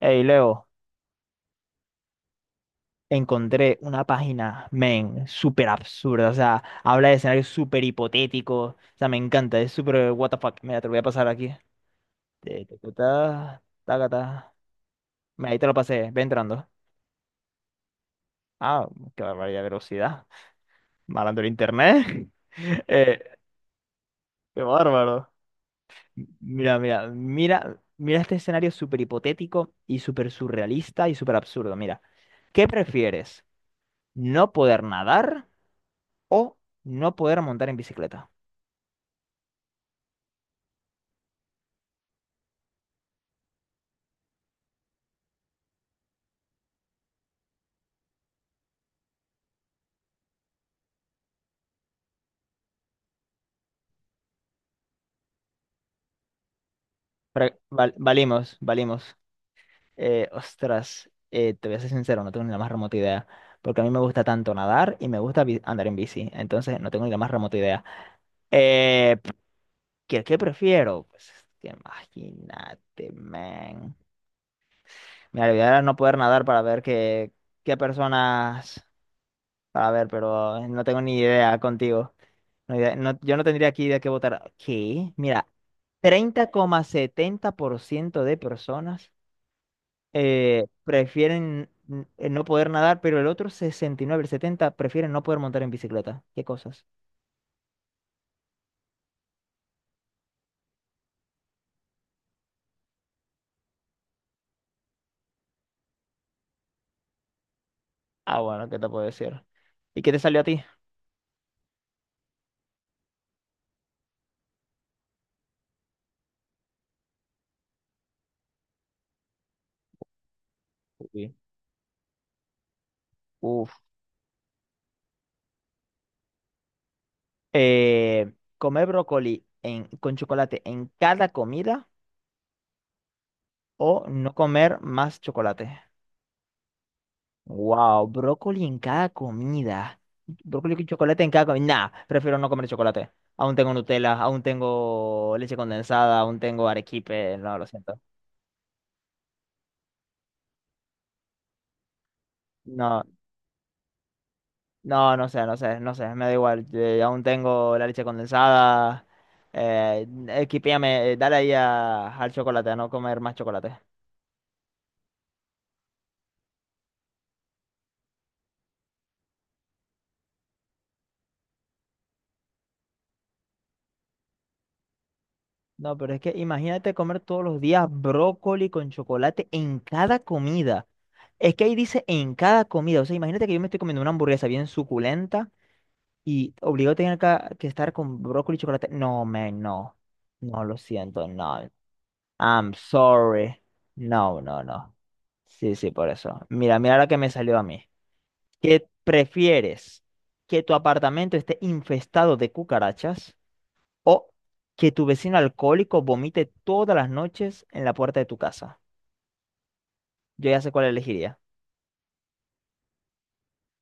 Hey, Leo, encontré una página, men, súper absurda. O sea, habla de escenarios súper hipotéticos. O sea, me encanta, es súper what the fuck. Mira, te lo voy a pasar aquí. Ta, taca, ta. Mira, ahí te lo pasé, ve entrando. Ah, qué barbaridad de velocidad. Malando el internet. Eh, Qué bárbaro. Mira, mira, mira, mira este escenario súper hipotético y súper surrealista y súper absurdo. Mira, ¿qué prefieres? ¿No poder nadar o no poder montar en bicicleta? Valimos, valimos. Ostras, te voy a ser sincero, no tengo ni la más remota idea. Porque a mí me gusta tanto nadar y me gusta andar en bici. Entonces, no tengo ni la más remota idea. Eh, qué prefiero? Pues es que imagínate, man. Mira, la idea era no poder nadar para ver qué personas. Para ver, pero no tengo ni idea contigo. Yo no tendría aquí de qué votar. ¿Qué? Mira, 30,70% de personas. Prefieren no poder nadar, pero el otro 69, el 70 prefieren no poder montar en bicicleta. ¿Qué cosas? Ah, bueno, ¿qué te puedo decir? ¿Y qué te salió a ti? Uy. Uf. ¿Comer brócoli con chocolate en cada comida o no comer más chocolate? Wow, brócoli en cada comida. Brócoli con chocolate en cada comida. Nah, prefiero no comer chocolate. Aún tengo Nutella, aún tengo leche condensada, aún tengo arequipe. No, lo siento. No, no, no sé, no sé, no sé, me da igual. Aún tengo la leche condensada. Equipéame, dale ahí al chocolate, a no comer más chocolate. No, pero es que imagínate comer todos los días brócoli con chocolate en cada comida. Es que ahí dice en cada comida. O sea, imagínate que yo me estoy comiendo una hamburguesa bien suculenta y obligado a tener que estar con brócoli y chocolate. No, men, no. No, lo siento, no. I'm sorry. No, no, no. Sí, sí, por eso. Mira, mira la que me salió a mí. ¿Qué prefieres? ¿Que tu apartamento esté infestado de cucarachas o que tu vecino alcohólico vomite todas las noches en la puerta de tu casa? Yo ya sé cuál elegiría.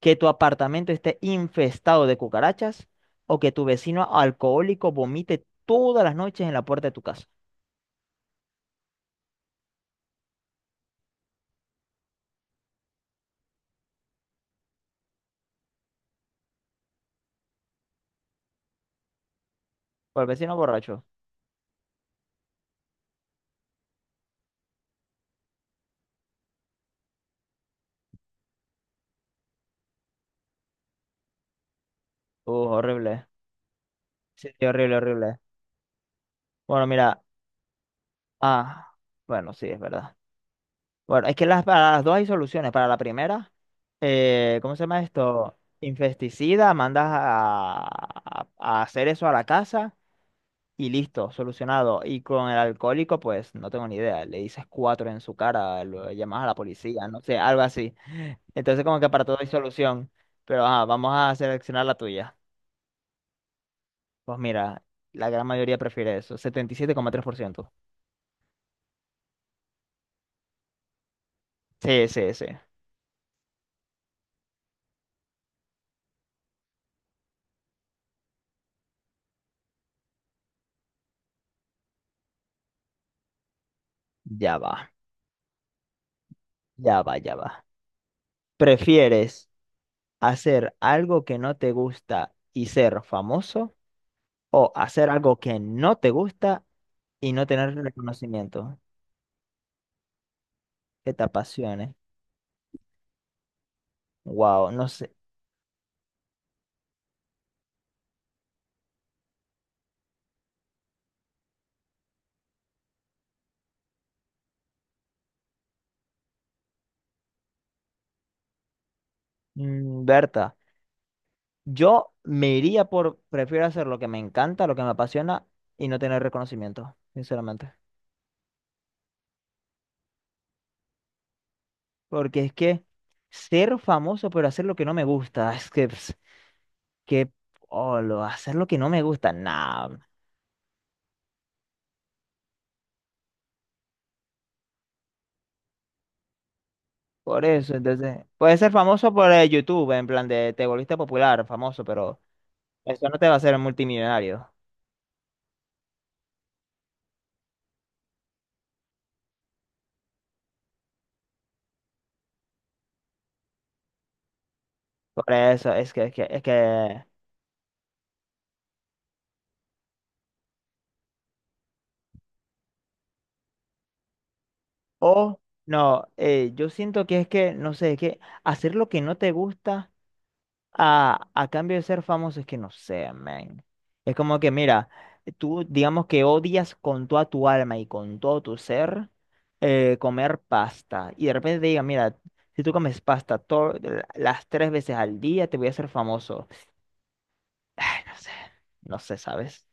¿Que tu apartamento esté infestado de cucarachas o que tu vecino alcohólico vomite todas las noches en la puerta de tu casa? Por el vecino borracho. Horrible. Sí, sí, horrible, horrible. Bueno, mira. Ah, bueno, sí, es verdad. Bueno, es que las, para las dos hay soluciones. Para la primera, ¿cómo se llama esto? Infesticida, mandas a hacer eso a la casa y listo, solucionado. Y con el alcohólico, pues no tengo ni idea. Le dices cuatro en su cara, lo llamas a la policía, no sé, algo así. Entonces, como que para todo hay solución. Pero ajá, vamos a seleccionar la tuya. Pues mira, la gran mayoría prefiere eso, 77,3%. Sí, sí, sí. Ya va, ya va, ya va. ¿Prefieres hacer algo que no te gusta y ser famoso o hacer algo que no te gusta y no tener reconocimiento? Que te apasione. Wow, no sé. Mm, Berta, yo me iría por, prefiero hacer lo que me encanta, lo que me apasiona y no tener reconocimiento, sinceramente. Porque es que ser famoso pero hacer lo que no me gusta, es que, pss, que, oh, hacer lo que no me gusta, nada. Por eso, entonces, puede ser famoso por YouTube, en plan de te volviste popular, famoso, pero eso no te va a hacer multimillonario. Por eso, es que, o no, yo siento que es que, no sé, es que hacer lo que no te gusta. A cambio de ser famoso es que no sé, man. Es como que, mira, tú digamos que odias con toda tu alma y con todo tu ser comer pasta. Y de repente te digan, mira, si tú comes pasta las 3 veces al día, te voy a hacer famoso. Ay, no sé, no sé, ¿sabes?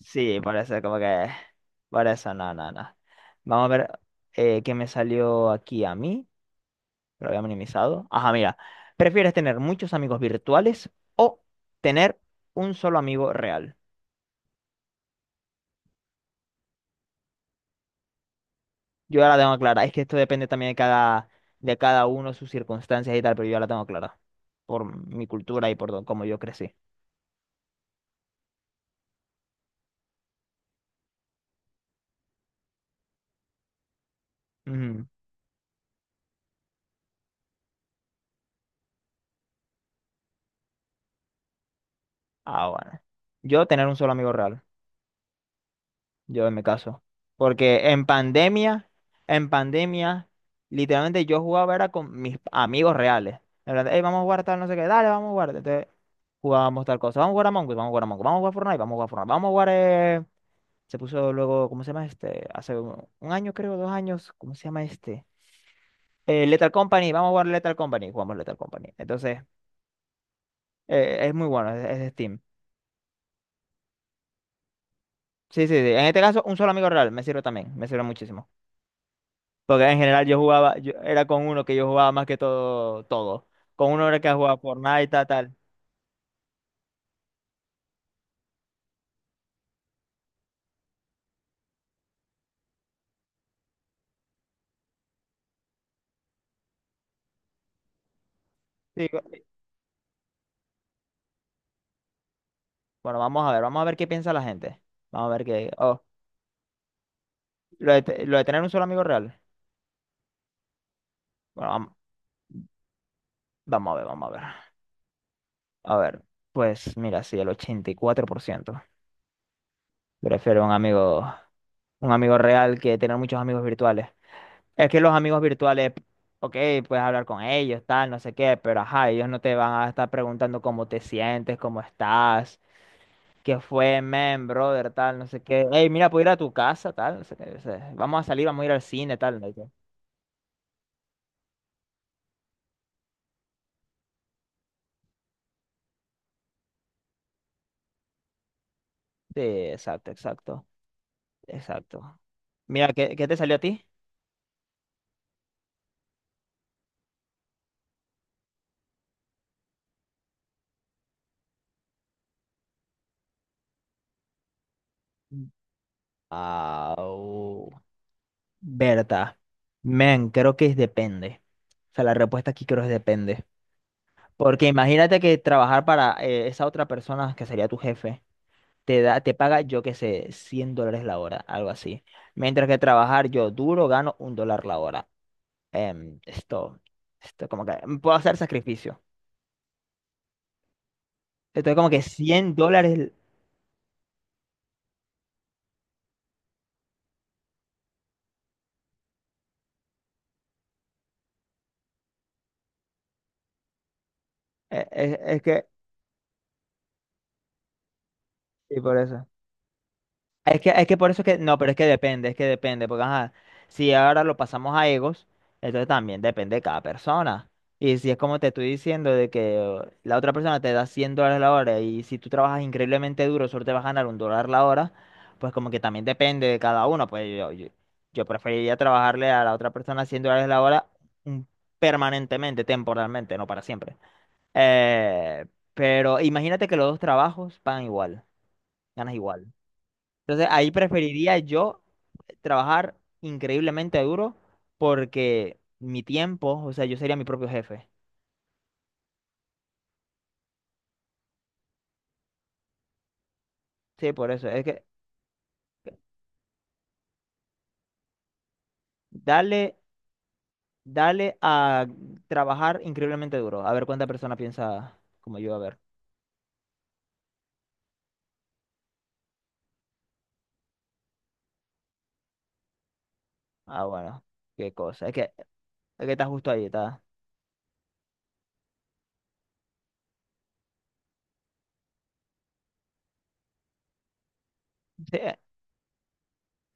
Sí, por eso como que… Por eso, no, no, no. Vamos a ver qué me salió aquí a mí. Lo había minimizado. Ajá, mira. ¿Prefieres tener muchos amigos virtuales o tener un solo amigo real? Yo ya la tengo clara. Es que esto depende también de cada uno, sus circunstancias y tal, pero yo ya la tengo clara. Por mi cultura y por cómo yo crecí. Ujú. Ah, bueno. Yo tener un solo amigo real. Yo en mi caso. Porque en pandemia, literalmente yo jugaba era con mis amigos reales. En plan, "Ey, vamos a jugar tal, no sé qué, dale, vamos a jugar". Entonces jugábamos tal cosa, vamos a jugar a Among Us, vamos a jugar a Among Us, vamos a jugar Fortnite, vamos a jugar Fortnite, vamos a jugar… Se puso luego, ¿cómo se llama este? Hace un año, creo, 2 años, ¿cómo se llama este? Lethal Company, vamos a jugar Lethal Company, jugamos Lethal Company. Entonces, es muy bueno, es de Steam. Sí, sí, sí. En este caso, un solo amigo real me sirve también, me sirve muchísimo. Porque en general yo jugaba, yo, era con uno que yo jugaba más que todo, todo. Con uno era que jugaba Fortnite, tal, tal. Sí, bueno, vamos a ver qué piensa la gente. Vamos a ver qué. Oh, lo de tener un solo amigo real. Bueno, vamos, a ver, vamos a ver. A ver, pues mira, sí, el 84%. Prefiero un amigo real que tener muchos amigos virtuales. Es que los amigos virtuales, ok, puedes hablar con ellos, tal, no sé qué, pero ajá, ellos no te van a estar preguntando cómo te sientes, cómo estás que fue, men, brother, tal, no sé qué. Hey, mira, puedo ir a tu casa, tal, no sé qué. O sea, vamos a salir, vamos a ir al cine, tal. No sé qué. Sí, exacto, exacto, exacto. Mira, ¿qué te salió a ti? Au. Berta, men, creo que es depende. O sea, la respuesta aquí creo es depende. Porque imagínate que trabajar para esa otra persona que sería tu jefe, te da, te paga, yo qué sé, $100 la hora, algo así. Mientras que trabajar yo duro gano $1 la hora. em, esto, esto, como que puedo hacer sacrificio. Esto como que $100. eh, eh, Es, que, y por eso. Es que por eso es que, no, pero es que depende, porque ajá, si ahora lo pasamos a egos, entonces también depende de cada persona. Y si es como te estoy diciendo de que la otra persona te da $100 la hora y si tú trabajas increíblemente duro, solo te vas a ganar $1 la hora, pues como que también depende de cada uno. Pues yo preferiría trabajarle a la otra persona $100 la hora mm, permanentemente, temporalmente, no para siempre. Eh, pero imagínate que los dos trabajos pagan igual, ganas igual. Entonces ahí preferiría yo trabajar increíblemente duro porque mi tiempo, o sea, yo sería mi propio jefe. Sí, por eso. Es que dale, dale a trabajar increíblemente duro. A ver cuánta persona piensa como yo, a ver. Ah, bueno, qué cosa. Es que está justo ahí, está. Sí,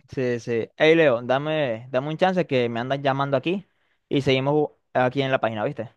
sí, sí. Hey, Leo, dame un chance que me andan llamando aquí y seguimos aquí en la página, ¿viste?